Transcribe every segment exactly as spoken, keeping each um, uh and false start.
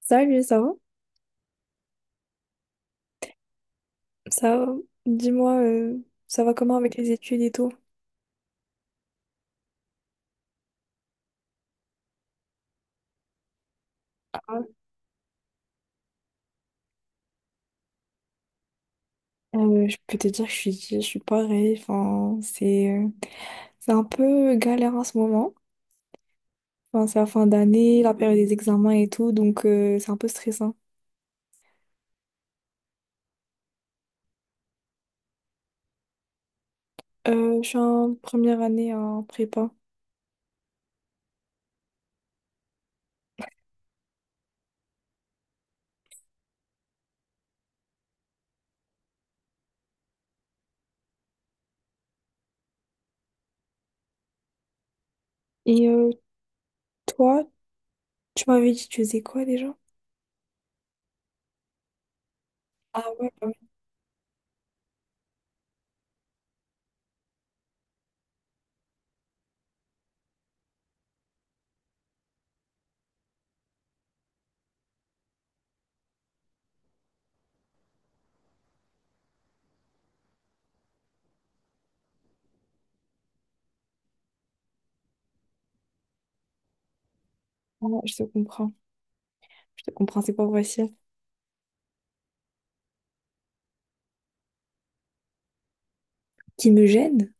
Salut, ça va? Ça va? Dis-moi, euh, ça va comment avec les études et tout? Euh, je peux te dire que je suis, je suis pareil. Enfin, c'est, euh, c'est un peu galère en ce moment. Enfin, c'est la fin d'année, la période des examens et tout, donc euh, c'est un peu stressant. Euh, je suis en première année en prépa. Et euh, toi, tu m'avais dit que tu faisais quoi déjà? Ah ouais, bah ouais. Ah, je te comprends. Je te comprends, c'est pas facile. Qui me gêne?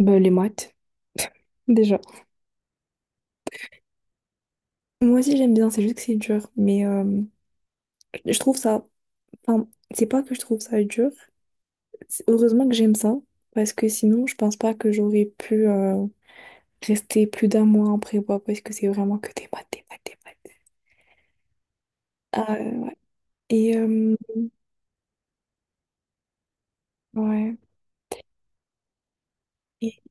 Ben, les maths, déjà. Moi aussi, j'aime bien, c'est juste que c'est dur. Mais euh, je trouve ça, enfin, c'est pas que je trouve ça dur. C'est- Heureusement que j'aime ça, parce que sinon, je pense pas que j'aurais pu euh, rester plus d'un mois en prépa, parce que c'est vraiment que des maths, des maths, des maths. Ah, euh, et euh, ouais, Et-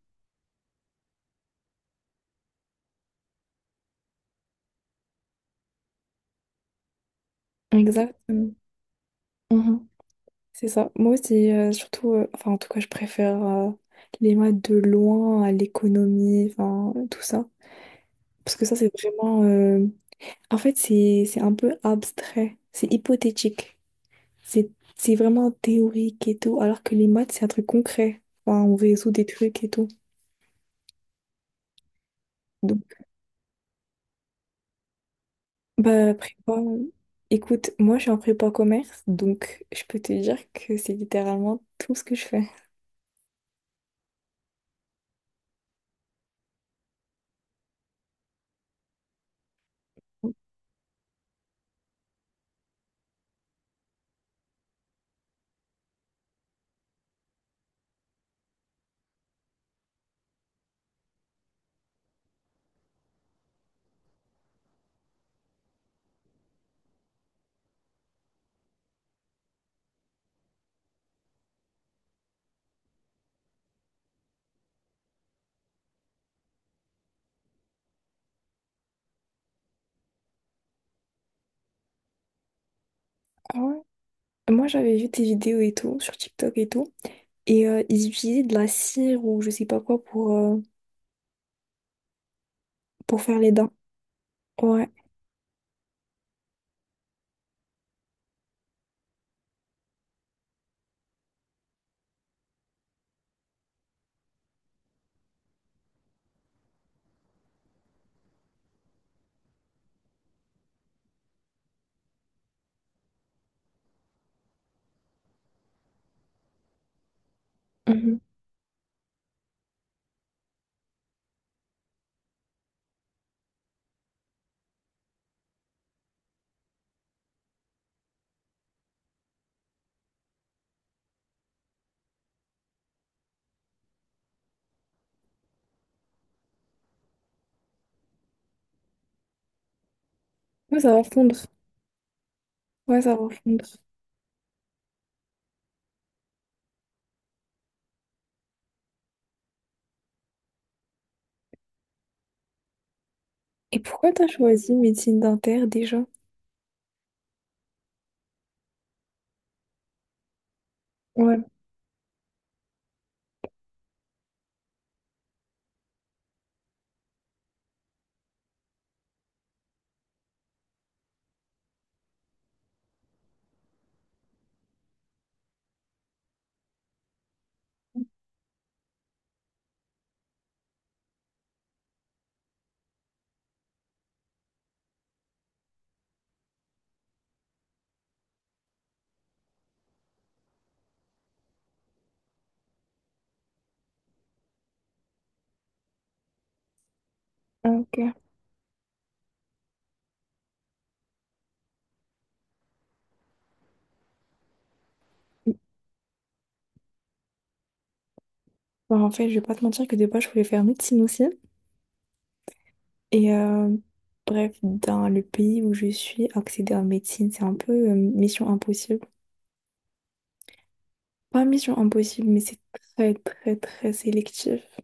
exactement. Mhm. C'est ça. Moi aussi, euh, surtout, euh, enfin, en tout cas, je préfère euh, les maths de loin à l'économie, enfin, tout ça. Parce que ça, c'est vraiment. euh, en fait, c'est c'est un peu abstrait, c'est hypothétique. C'est c'est vraiment théorique et tout, alors que les maths, c'est un truc concret. Enfin, on résout des trucs et tout. Donc, bah, prépa, écoute, moi, je suis en prépa commerce, donc je peux te dire que c'est littéralement tout ce que je fais. Ah ouais? Moi, j'avais vu tes vidéos et tout, sur TikTok et tout, et euh, ils utilisaient de la cire ou je sais pas quoi pour, euh, pour faire les dents. Ouais. Mhm. Ouais, ça va fondre. Ouais, ça va fondre. Et pourquoi t'as choisi médecine dentaire déjà? Ouais. Ah, ok. Bah, en fait, je vais pas te mentir que de base, je voulais faire médecine aussi. Et euh, bref, dans le pays où je suis, accéder en médecine, c'est un peu euh, mission impossible. Pas mission impossible, mais c'est très, très, très sélectif.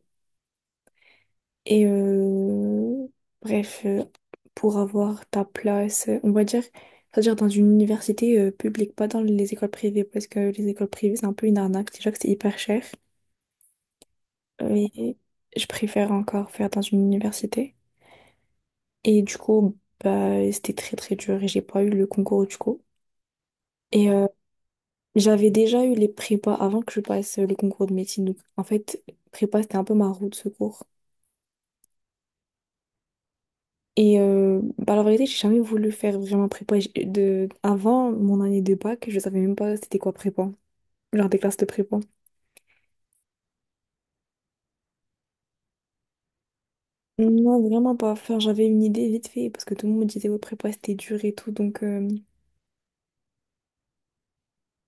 Et euh, bref, euh, pour avoir ta place, euh, on va dire, c'est-à-dire dans une université euh, publique, pas dans les écoles privées, parce que les écoles privées, c'est un peu une arnaque. Déjà que c'est hyper cher. Mais je préfère encore faire dans une université. Et du coup, bah, c'était très très dur et j'ai pas eu le concours du coup. Et euh, j'avais déjà eu les prépas avant que je passe euh, le concours de médecine. Donc en fait, prépa, c'était un peu ma roue de secours. Et euh, bah, la vérité, j'ai jamais voulu faire vraiment prépa. J'ai- De... Avant mon année de bac, je savais même pas c'était quoi prépa. Genre des classes de prépa. Non, vraiment pas. Enfin, j'avais une idée vite fait parce que tout le monde disait ouais, prépa, c'était dur et tout. Donc, euh,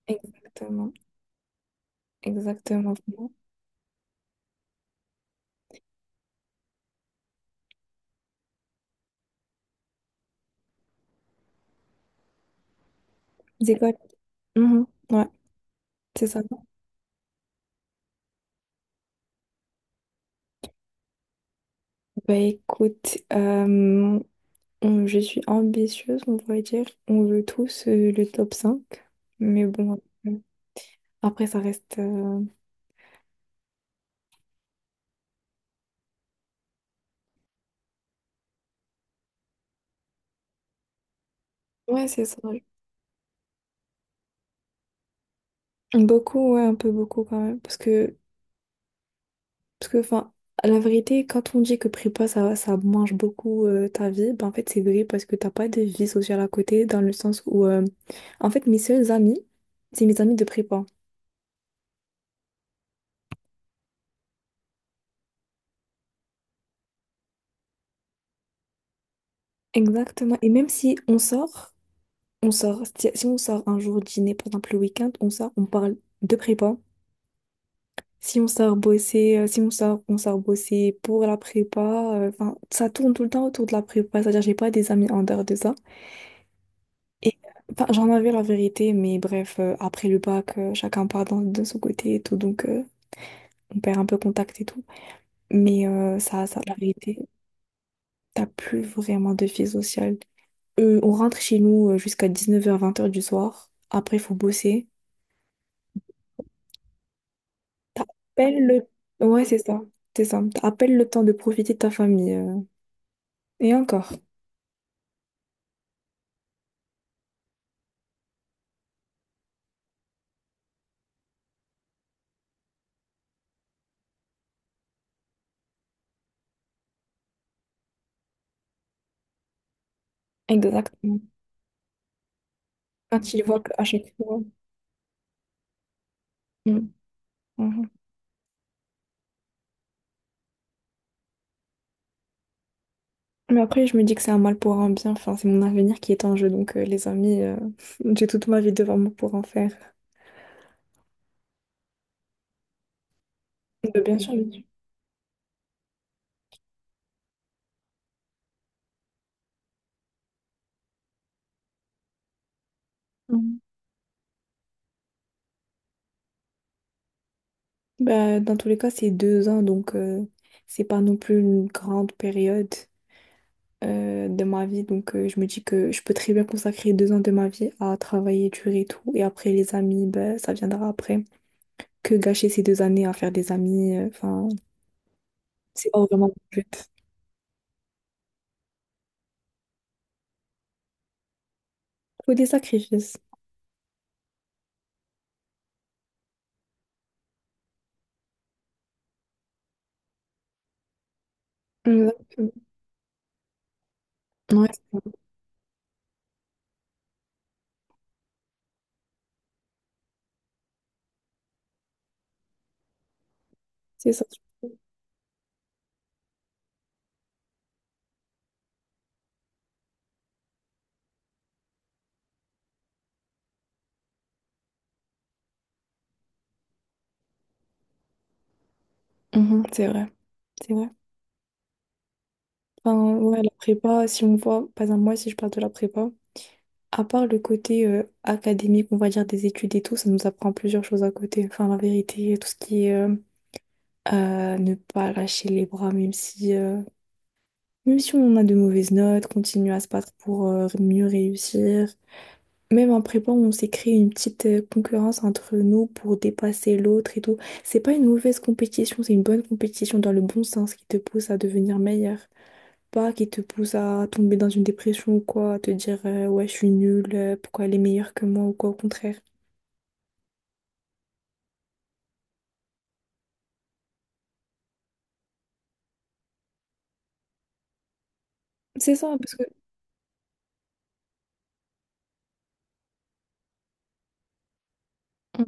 exactement, exactement. C'est quoi? Mhm, ouais, c'est ça. Bah écoute, euh, on- je suis ambitieuse, on pourrait dire. On veut tous euh, le top cinq. Mais bon, euh, après, ça reste... euh, Ouais, c'est ça. Beaucoup, ouais, un peu beaucoup quand même. Parce que, parce que, enfin, à la vérité, quand on dit que prépa, ça, ça mange beaucoup euh, ta vie, ben en fait, c'est vrai parce que t'as pas de vie sociale à côté, dans le sens où, euh, en fait, mes seuls amis, c'est mes amis de prépa. Exactement. Et même si on sort... On sort, si si on sort un jour dîner, par exemple le week-end, on sort, on parle de prépa. Si on sort bosser, euh, si on sort, on sort bosser pour la prépa. euh, Enfin, ça tourne tout le temps autour de la prépa. C'est-à-dire, j'ai pas des amis en dehors de ça. Et enfin, j'en avais la vérité, mais bref, euh, après le bac, euh, chacun part dans, de son côté et tout, donc euh, on perd un peu contact et tout. Mais euh, ça, ça, la vérité, t'as plus vraiment de vie sociale. Euh, on rentre chez nous euh, jusqu'à dix-neuf heures, vingt heures du soir. Après, il faut bosser. T'as à peine le... Ouais, c'est ça. C'est ça. T'as à peine le temps de profiter de ta famille. euh. Et encore. Exactement. Quand ils voient qu'à chaque fois... Mm. Mhm. Mais après, je me dis que c'est un mal pour un bien. Enfin, c'est mon avenir qui est en jeu. Donc, euh, les amis, euh, j'ai toute ma vie devant moi pour en faire. De bien sûr, bien sûr. Mhm. Bah, dans tous les cas, c'est deux ans. Donc, euh, c'est pas non plus une grande période euh, de ma vie. Donc, euh, je me dis que je peux très bien consacrer deux ans de ma vie à travailler dur et tout. Et après, les amis, bah, ça viendra après. Que gâcher ces deux années à faire des amis. euh, Enfin, c'est pas vraiment le but. Faut des sacrifices. Exactement. Ouais, c'est ça. C'est ça. Mhm, c'est vrai, c'est vrai. Enfin, ouais, la prépa, si on voit, par exemple, moi, si je parle de la prépa, à part le côté euh, académique, on va dire des études et tout, ça nous apprend plusieurs choses à côté. Enfin, la vérité, tout ce qui est euh, euh, ne pas lâcher les bras, même si, euh, même si on a de mauvaises notes, continuer à se battre pour euh, mieux réussir. Même en prépa, on s'est créé une petite euh, concurrence entre nous pour dépasser l'autre et tout. C'est pas une mauvaise compétition, c'est une bonne compétition dans le bon sens qui te pousse à devenir meilleur. Pas qui te pousse à tomber dans une dépression ou quoi, à te dire euh, ouais, je suis nulle, euh, pourquoi elle est meilleure que moi ou quoi, au contraire. C'est ça, parce que. Mm.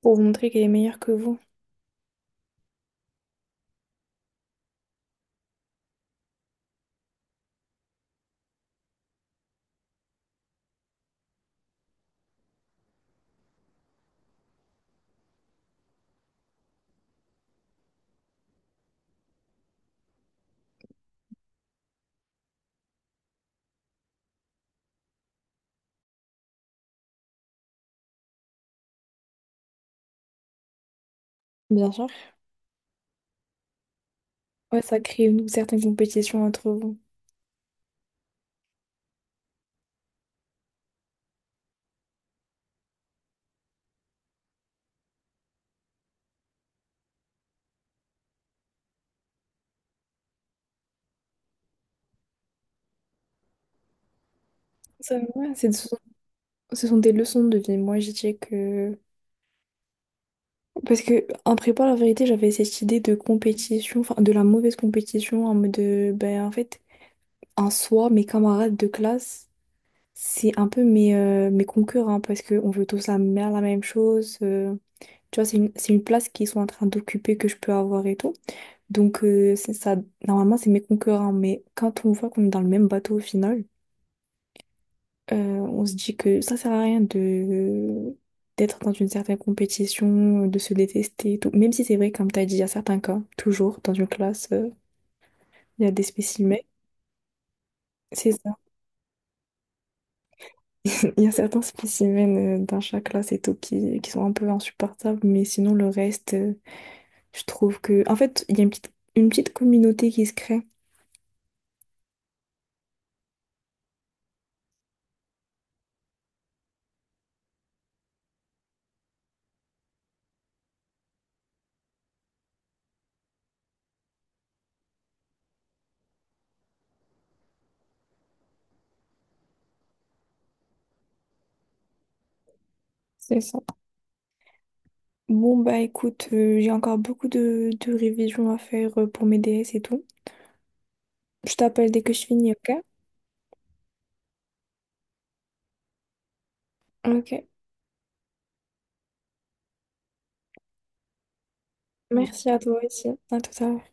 Pour vous montrer qu'elle est meilleure que vous. Bien sûr. Ouais, ça crée une certaine compétition entre vous. Ça, ouais, c'est- ce sont ce sont des leçons de vie. Moi, je dirais que. Parce que en prépa, la vérité, j'avais cette idée de compétition, enfin de la mauvaise compétition, en mode de, ben en fait, en soi, mes camarades de classe, c'est un peu mes, euh, mes concurrents, parce qu'on veut tous la, mer- la même chose. Euh, tu vois, c'est une, c'est une place qu'ils sont en train d'occuper, que je peux avoir et tout. Donc euh, c'est ça, normalement, c'est mes concurrents, mais quand on voit qu'on est dans le même bateau au final, euh, on se dit que ça sert à rien de d'être dans une certaine compétition, de se détester, et tout. Même si c'est vrai, comme tu as dit, il y a certains cas, toujours dans une classe, euh, il y a des spécimens, c'est ça. Il y a certains spécimens euh, dans chaque classe et tout qui, qui sont un peu insupportables, mais sinon le reste, euh, je trouve que... En fait, il y a une petite, une petite communauté qui se crée. C'est ça. Bon, bah écoute, euh, j'ai encore beaucoup de, de révisions à faire euh, pour mes D S et tout. Je t'appelle dès que je finis, ok? Ok. Merci à toi aussi. À tout à l'heure.